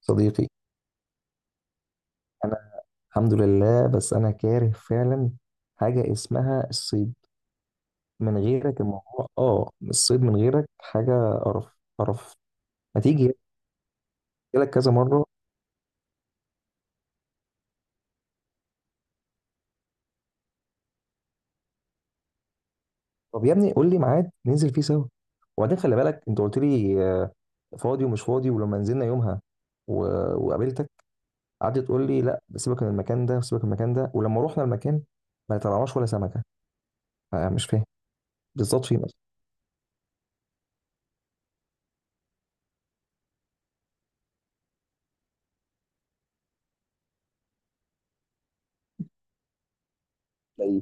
صديقي، انا الحمد لله. بس انا كاره فعلا حاجه اسمها الصيد. من غيرك الموضوع، الصيد من غيرك حاجه قرف قرف. ما تيجي؟ قلت لك كذا مره. طب يا ابني قول لي ميعاد ننزل فيه سوا. وبعدين خلي بالك، انت قلت لي فاضي ومش فاضي، ولما نزلنا يومها و... وقابلتك، قعدت تقول لي لا، سيبك من المكان ده، سيبك من المكان ده. ولما رحنا المكان ما طلعناش ولا سمكه. مش فاهم بالظبط فين؟ اصلا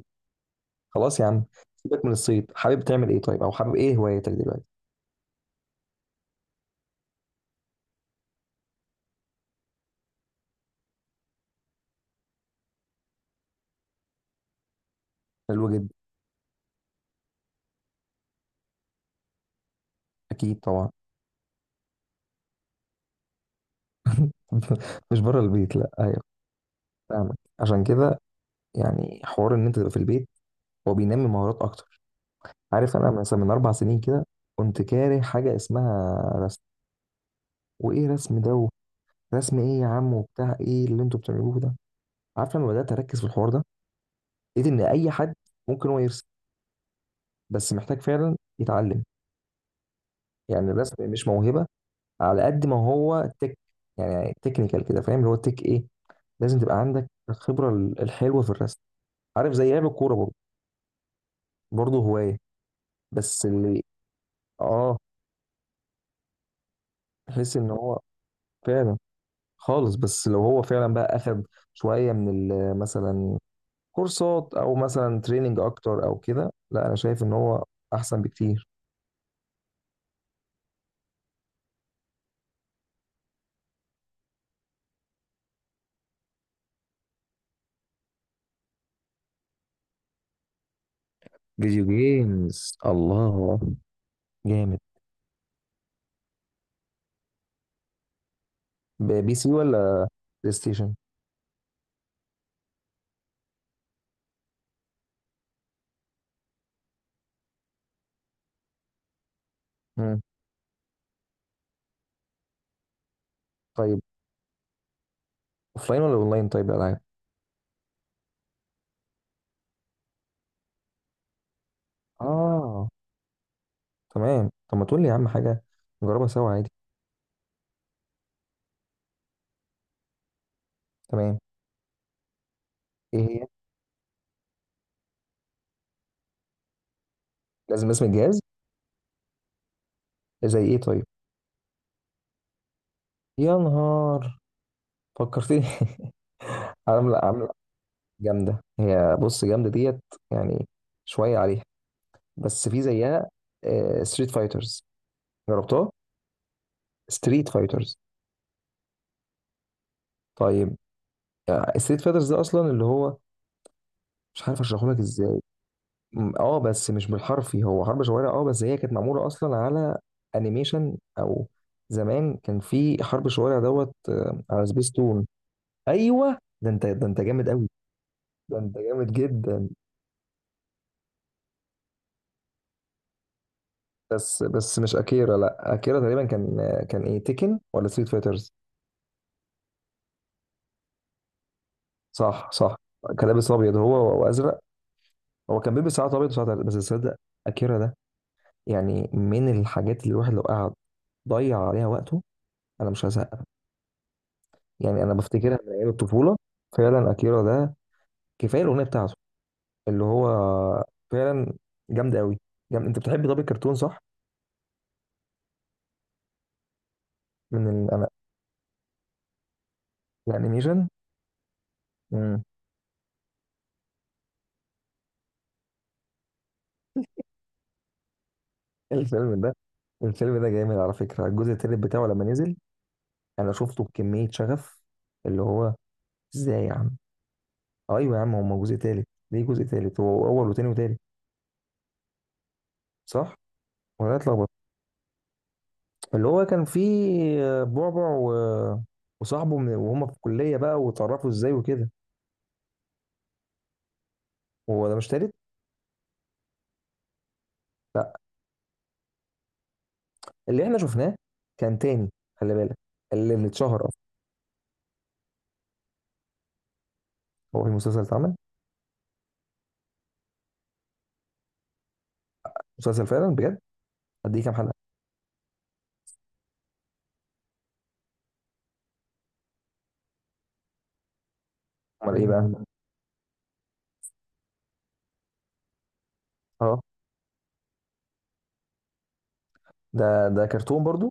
خلاص يا عم، سيبك من الصيد. حابب تعمل ايه طيب، او حابب ايه هوايتك دلوقتي؟ حلو جدا. اكيد طبعا. مش بره البيت؟ لا ايوه، فاهمك عشان كده. يعني حوار ان انت تبقى في البيت هو بينمي مهارات اكتر. عارف انا مثلا من 4 سنين كده كنت كاره حاجه اسمها رسم. وايه رسم ده؟ رسم ايه يا عم، وبتاع ايه اللي انتوا بتعملوه ده؟ عارف لما بدات اركز في الحوار ده، لقيت ان اي حد ممكن هو يرسم، بس محتاج فعلا يتعلم. يعني الرسم مش موهبه على قد ما هو تك، يعني تكنيكال كده. فاهم اللي هو تك ايه؟ لازم تبقى عندك الخبره الحلوه في الرسم. عارف زي لعب الكوره برضه؟ برضه هوايه. بس اللي اه تحس ان هو فعلا خالص، بس لو هو فعلا بقى اخد شويه من مثلا كورسات، او مثلا تريننج اكتر او كده، لا انا شايف ان هو احسن بكتير. فيديو جيمز، الله! جامد. PC ولا بلاي ستيشن؟ مم. طيب، اوفلاين ولا اونلاين طيب الالعاب؟ اه، تمام. طب ما تقول لي يا عم حاجه نجربها سوا عادي. تمام. ايه هي؟ لازم اسم الجهاز. زي ايه طيب؟ يا نهار، فكرتني! عامله عامله جامده هي، بص جامده ديت، يعني شويه عليها. بس في زيها ستريت فايترز، جربتها؟ ستريت فايترز. طيب، ستريت فايترز ده اصلا اللي هو مش عارف اشرحه لك ازاي. م، اه بس مش بالحرفي هو حرب شوارع. اه بس هي كانت معموله اصلا على انيميشن، او زمان كان في حرب شوارع دوت على سبيستون. ايوه، ده انت جامد قوي. ده انت جامد جدا. بس مش اكيرا، لا اكيرا تقريبا كان كان ايه، تيكن ولا ستريت فايترز؟ صح صح، كان لابس ابيض هو وازرق. هو كان بيلبس ساعات ابيض وساعات أزرق. بس تصدق اكيرا ده يعني من الحاجات اللي الواحد لو قعد ضيع عليها وقته انا مش هزهق. يعني انا بفتكرها من ايام الطفوله. فعلا اكيرا ده، كفايه الاغنيه بتاعته اللي هو فعلا جامد قوي. جامد. انت بتحب طب الكرتون صح؟ من انا الانيميشن. امم. الفيلم ده، جامد على فكره. الجزء التالت بتاعه لما نزل، انا شفته بكميه شغف اللي هو ازاي يا عم. ايوه يا عم، هو جزء تالت. ليه جزء تالت؟ هو اول وتاني وتالت صح ولا اتلخبط؟ اللي هو كان فيه بعبع وصاحبه وهم في الكليه بقى واتعرفوا ازاي وكده. هو ده مش تالت؟ اللي احنا شفناه كان تاني، خلي بالك. اللي اتشهر اصلا، هو في المسلسل اللي اتعمل. مسلسل فعلا بجد. قد ايه، كام حلقه؟ امال ايه بقى اه، ده كرتون برضو.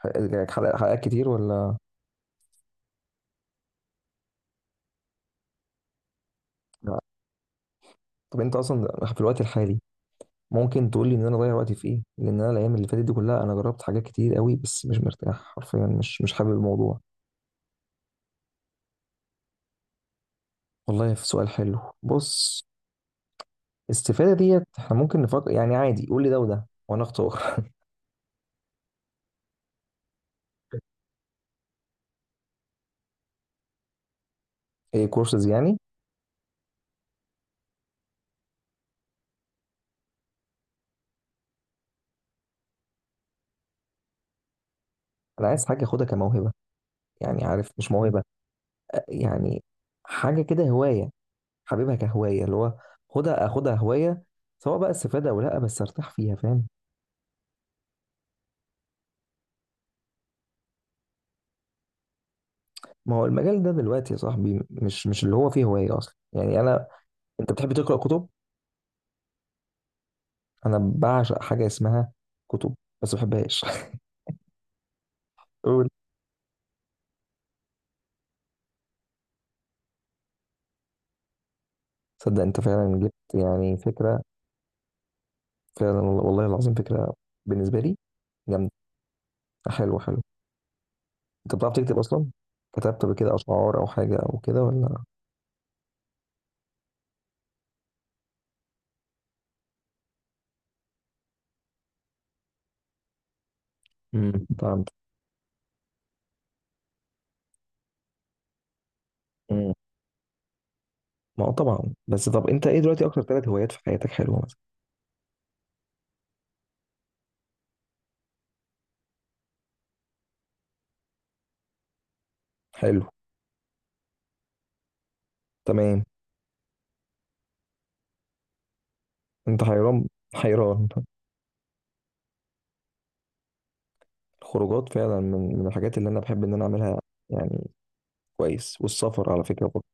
حلقات حلقات كتير ولا لا. طب انت اصلا في الوقت الحالي ممكن تقول لي ان انا اضيع وقتي في ايه؟ لان انا الايام اللي فاتت دي كلها انا جربت حاجات كتير قوي بس مش مرتاح حرفيا، مش حابب الموضوع. والله في سؤال حلو، بص. الاستفاده ديت احنا ممكن نفكر، يعني عادي قول لي ده وده وانا اختار. ايه، كورسز يعني؟ انا عايز حاجه اخدها كموهبه، يعني عارف مش موهبه. يعني حاجه كده هوايه، حبيبها كهوايه اللي هو خدها اخدها هوايه، سواء بقى استفاده او لا بس ارتاح فيها. فاهم؟ ما هو المجال ده دلوقتي يا صاحبي مش اللي هو فيه هوايه اصلا يعني انا. انت بتحب تقرا كتب؟ انا بعشق حاجه اسمها كتب، بس ما بحبهاش. قول. صدق انت فعلا جبت يعني فكره. فعلا والله العظيم فكره، بالنسبه لي جامده. حلو حلو. انت بتعرف تكتب اصلا؟ كتبت قبل كده اشعار او حاجه او كده ولا؟ مم. فهمت. ما هو طبعا. بس طب انت ايه دلوقتي اكتر ثلاث هوايات في حياتك حلوه مثلا؟ حلو. تمام. انت حيران! حيران. الخروجات فعلا من الحاجات اللي انا بحب ان انا اعملها، يعني كويس. والسفر على فكره برضه،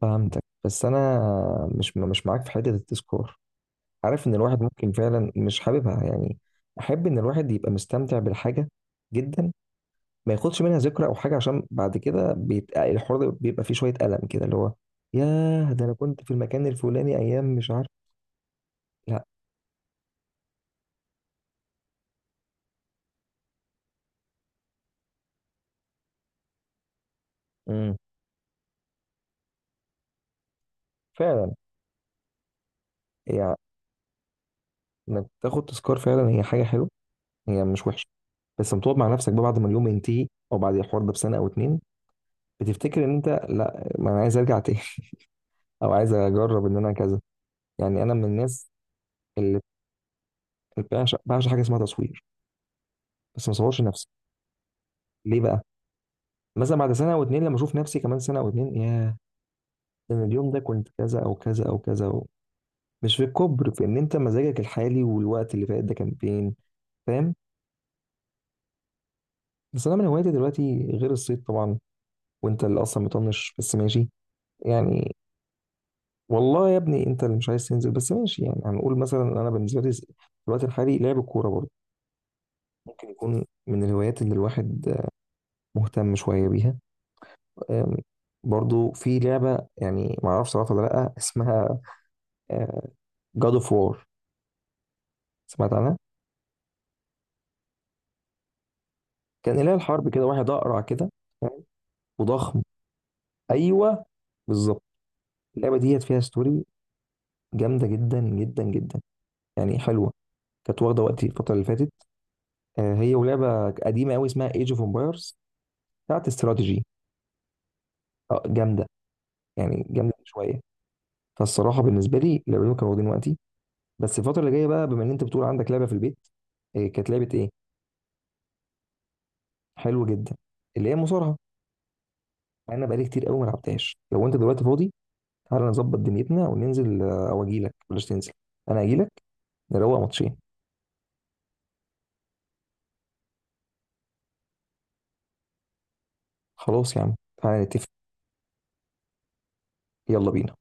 فهمتك. بس انا مش معاك في حته التذكار. عارف ان الواحد ممكن فعلا مش حاببها، يعني احب ان الواحد يبقى مستمتع بالحاجه جدا، ما ياخدش منها ذكرى او حاجه عشان بعد كده الحوار ده بيبقى فيه شويه الم كده اللي هو: ياه، ده انا كنت في المكان الفلاني ايام مش عارف. لا. امم. فعلا. يعني انك تاخد تذكار فعلا هي حاجه حلوه، هي مش وحشه. بس لما تقعد مع نفسك بقى بعد ما اليوم ينتهي او بعد الحوار ده بسنه او اتنين، بتفتكر ان انت لا، ما انا عايز ارجع تاني. او عايز اجرب ان انا كذا. يعني انا من الناس اللي بعشق حاجه اسمها تصوير، بس ما صورش نفسي. ليه بقى؟ مثلا بعد سنه او اتنين لما اشوف نفسي كمان سنه او اتنين، ياه، ده انا اليوم ده كنت كذا او كذا او كذا. مش في الكبر، في ان انت مزاجك الحالي والوقت اللي فات ده كان فين. فاهم؟ بس انا من هواياتي دلوقتي غير الصيد طبعا، وانت اللي اصلا مطنش بس ماشي يعني، والله يا ابني انت اللي مش عايز تنزل بس ماشي يعني. هنقول مثلا انا بالنسبه لي في الوقت الحالي لعب الكوره برضه ممكن يكون من الهوايات اللي الواحد مهتم شويه بيها. أم، برضه في لعبه، يعني ما اعرفش صراحه ولا لا، اسمها جاد اوف وار. سمعت عنها؟ كان اله الحرب كده، واحد اقرع كده. فاهم؟ وضخم. ايوه بالظبط. اللعبه ديت فيها ستوري جامده جدا جدا جدا. يعني حلوه. كانت واخده وقتي الفتره اللي فاتت. هي ولعبه قديمه قوي اسمها ايج اوف امبايرز، بتاعت استراتيجي. جامده. يعني جامده شويه. فالصراحه بالنسبه لي اللعبتين كانوا واخدين وقتي. بس الفتره اللي جايه بقى بما ان انت بتقول عندك لعبه في البيت، كانت لعبه ايه؟ حلوه جدا، اللي هي مصارعه. مع انا بقالي كتير قوي ما لعبتهاش. لو انت دلوقتي فاضي تعالى نظبط دنيتنا وننزل، او اجي لك بلاش تنزل، انا اجي لك. نروق ماتشين. خلاص يا عم، تعالى نتفق. يلا بينا.